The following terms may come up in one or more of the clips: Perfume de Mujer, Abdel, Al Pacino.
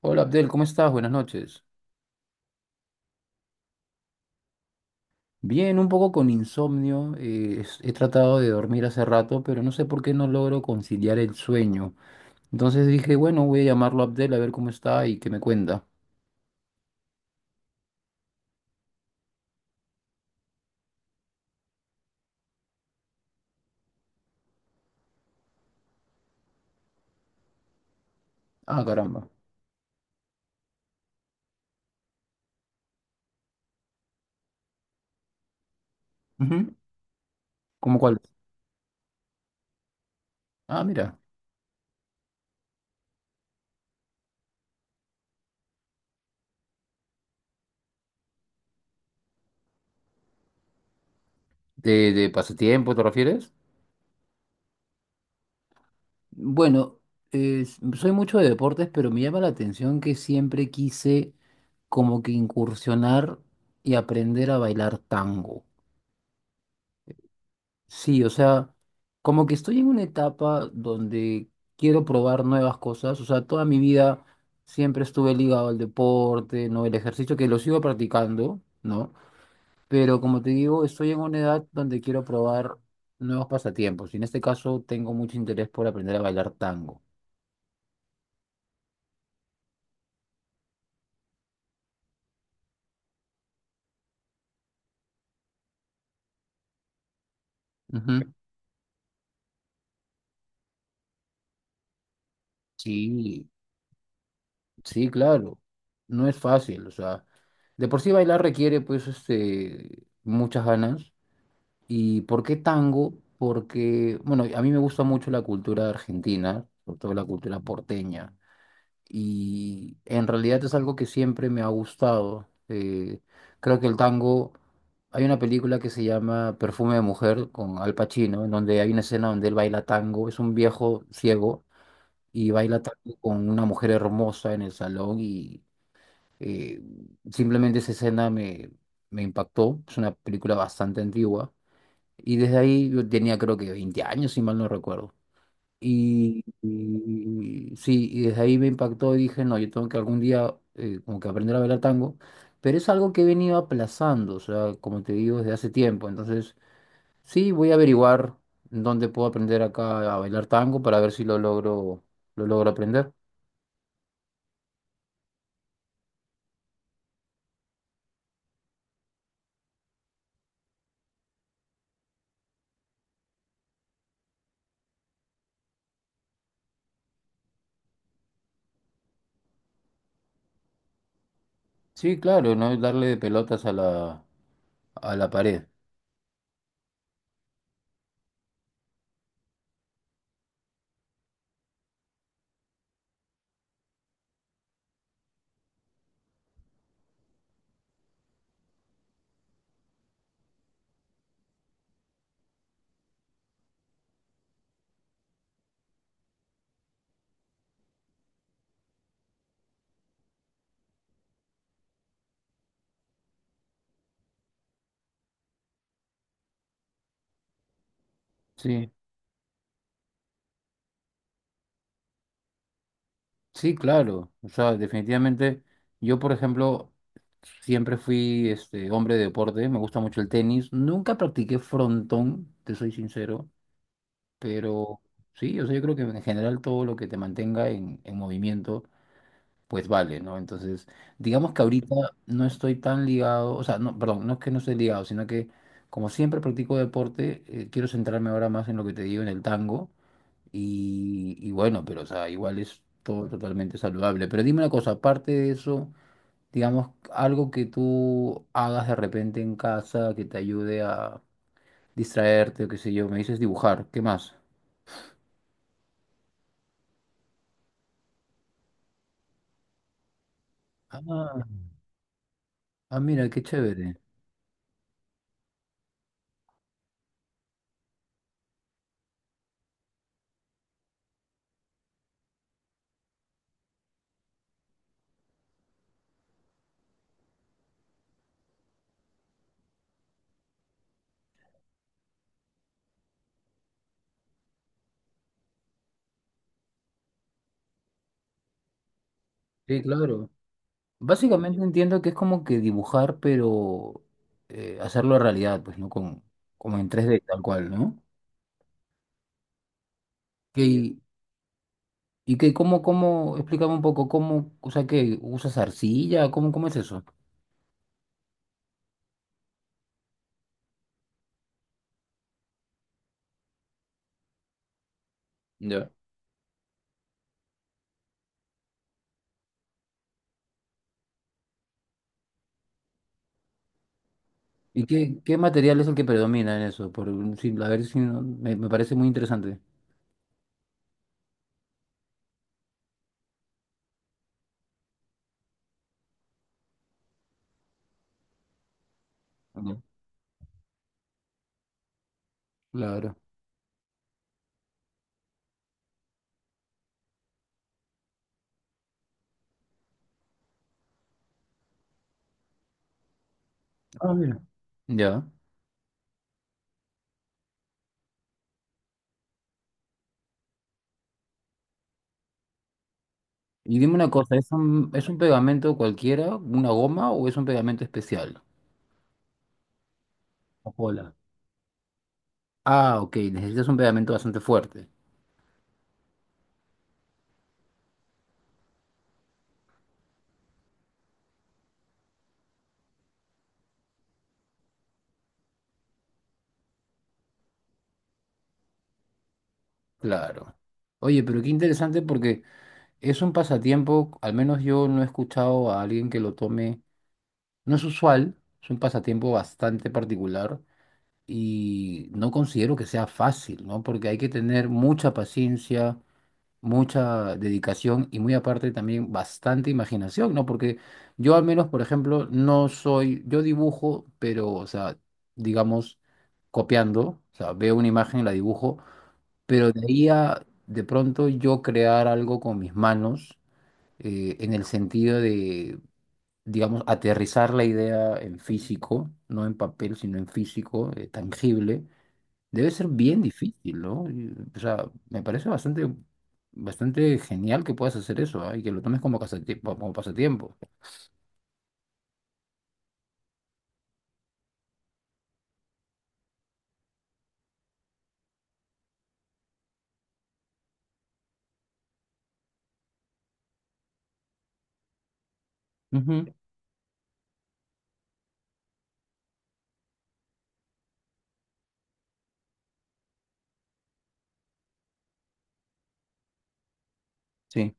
Hola Abdel, ¿cómo estás? Buenas noches. Bien, un poco con insomnio. He tratado de dormir hace rato, pero no sé por qué no logro conciliar el sueño. Entonces dije, bueno, voy a llamarlo a Abdel a ver cómo está y qué me cuenta. Ah, caramba. Ujú. ¿Cómo cuál? Ah, mira. ¿De pasatiempo te refieres? Bueno, soy mucho de deportes, pero me llama la atención que siempre quise como que incursionar y aprender a bailar tango. Sí, o sea, como que estoy en una etapa donde quiero probar nuevas cosas, o sea, toda mi vida siempre estuve ligado al deporte, ¿no? El ejercicio que lo sigo practicando, ¿no? Pero como te digo, estoy en una edad donde quiero probar nuevos pasatiempos y en este caso tengo mucho interés por aprender a bailar tango. Ujú. Sí, sí, claro, no es fácil, o sea, de por sí bailar requiere pues este, muchas ganas. ¿Y por qué tango? Porque, bueno, a mí me gusta mucho la cultura argentina, sobre todo la cultura porteña, y en realidad es algo que siempre me ha gustado. Creo que el tango, hay una película que se llama Perfume de Mujer con Al Pacino, en donde hay una escena donde él baila tango, es un viejo ciego y baila tango con una mujer hermosa en el salón y eh, simplemente esa escena me impactó, es una película bastante antigua. Y desde ahí yo tenía creo que 20 años, si mal no recuerdo. Sí, y desde ahí me impactó y dije, no, yo tengo que algún día como que aprender a bailar tango, pero es algo que he venido aplazando, o sea, como te digo, desde hace tiempo. Entonces, sí, voy a averiguar en dónde puedo aprender acá a bailar tango para ver si lo logro, lo logro aprender. Sí, claro, no es darle de pelotas a a la pared. Sí. Sí, claro. O sea, definitivamente, yo, por ejemplo, siempre fui este hombre de deporte, me gusta mucho el tenis. Nunca practiqué frontón, te soy sincero, pero sí, o sea, yo creo que en general todo lo que te mantenga en movimiento, pues vale, ¿no? Entonces, digamos que ahorita no estoy tan ligado, o sea, no, perdón, no es que no esté ligado, sino que como siempre practico deporte, quiero centrarme ahora más en lo que te digo, en el tango. Y bueno, pero o sea, igual es todo totalmente saludable. Pero dime una cosa, aparte de eso, digamos, algo que tú hagas de repente en casa que te ayude a distraerte o qué sé yo, me dices dibujar, ¿qué más? Ah, ah, mira, qué chévere. Sí, claro. Básicamente entiendo que es como que dibujar, pero hacerlo realidad, pues, ¿no? Con, como en tres d tal cual, ¿no? Que, y que, ¿Cómo, explícame un poco, cómo, o sea, que usas arcilla, ¿cómo, cómo es eso? ¿Y qué material es el que predomina en eso? Sí, a ver si no- me parece muy interesante. Ujú. Claro. Ah, mira. Ya. Y dime una cosa, ¿es es un pegamento cualquiera, una goma o es un pegamento especial? O cola. Ah, ok, necesitas un pegamento bastante fuerte. Claro. Oye, pero qué interesante porque es un pasatiempo, al menos yo no he escuchado a alguien que lo tome, no es usual, es un pasatiempo bastante particular y no considero que sea fácil, ¿no? Porque hay que tener mucha paciencia, mucha dedicación y muy aparte también bastante imaginación, ¿no? Porque yo al menos, por ejemplo, no soy, yo dibujo, pero, o sea, digamos, copiando, o sea, veo una imagen y la dibujo, pero de ahí a de pronto yo crear algo con mis manos, en el sentido de... digamos, aterrizar la idea en físico, no en papel, sino en físico, tangible, debe ser bien difícil, ¿no? O sea, me parece bastante, bastante genial que puedas hacer eso, ¿ah? Y que lo tomes como pasatiempo. Ujú, sí.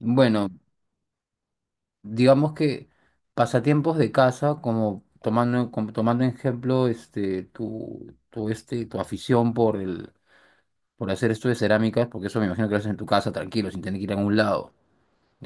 Bueno, digamos que pasatiempos de casa, como tomando en ejemplo este, tu afición por por hacer esto de cerámicas, porque eso me imagino que lo haces en tu casa tranquilo, sin tener que ir a ningún lado.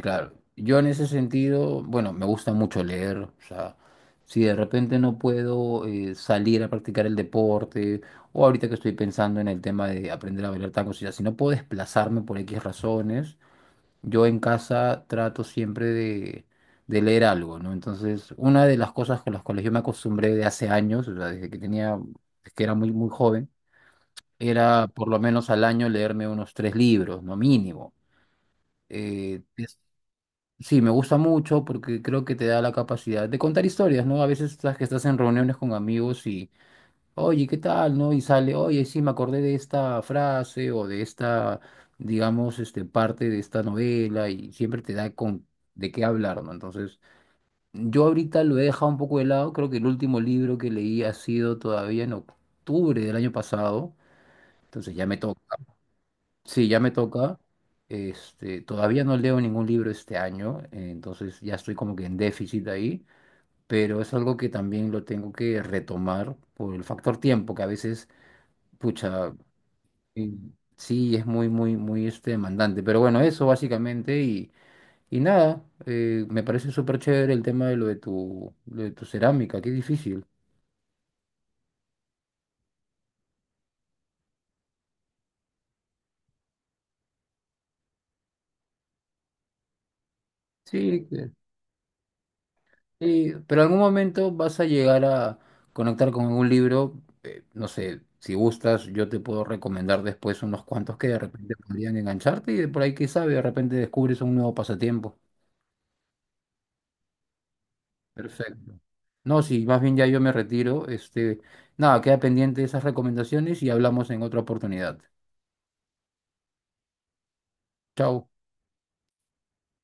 Claro, yo en ese sentido, bueno, me gusta mucho leer, o sea, si de repente no puedo salir a practicar el deporte, o ahorita que estoy pensando en el tema de aprender a bailar tango, o sea, si no puedo desplazarme por X razones, yo en casa trato siempre de leer algo, ¿no? Entonces, una de las cosas con las cuales yo me acostumbré de hace años, o sea, desde que tenía, desde que era muy, muy joven, era por lo menos al año leerme unos 3 libros, no mínimo. eh, Sí, me gusta mucho porque creo que te da la capacidad de contar historias, ¿no? A veces estás que estás en reuniones con amigos y, oye, ¿qué tal? ¿No? Y sale, oye, sí, me acordé de esta frase o de esta, digamos, este, parte de esta novela y siempre te da con de qué hablar, ¿no? Entonces, yo ahorita lo he dejado un poco de lado, creo que el último libro que leí ha sido todavía en octubre del año pasado, entonces ya me toca. Sí, ya me toca. Este, todavía no leo ningún libro este año, entonces ya estoy como que en déficit ahí, pero es algo que también lo tengo que retomar por el factor tiempo, que a veces, pucha, eh, sí, es muy, muy, muy este, demandante. Pero bueno, eso básicamente y nada, me parece súper chévere el tema de lo de tu cerámica, qué difícil. Sí, sí, pero en algún momento vas a llegar a conectar con un libro, no sé, si gustas, yo te puedo recomendar después unos cuantos que de repente podrían engancharte y de por ahí, quién sabe, de repente descubres un nuevo pasatiempo. Perfecto. No, sí, más bien ya yo me retiro. Este, nada, queda pendiente esas recomendaciones y hablamos en otra oportunidad. Chao.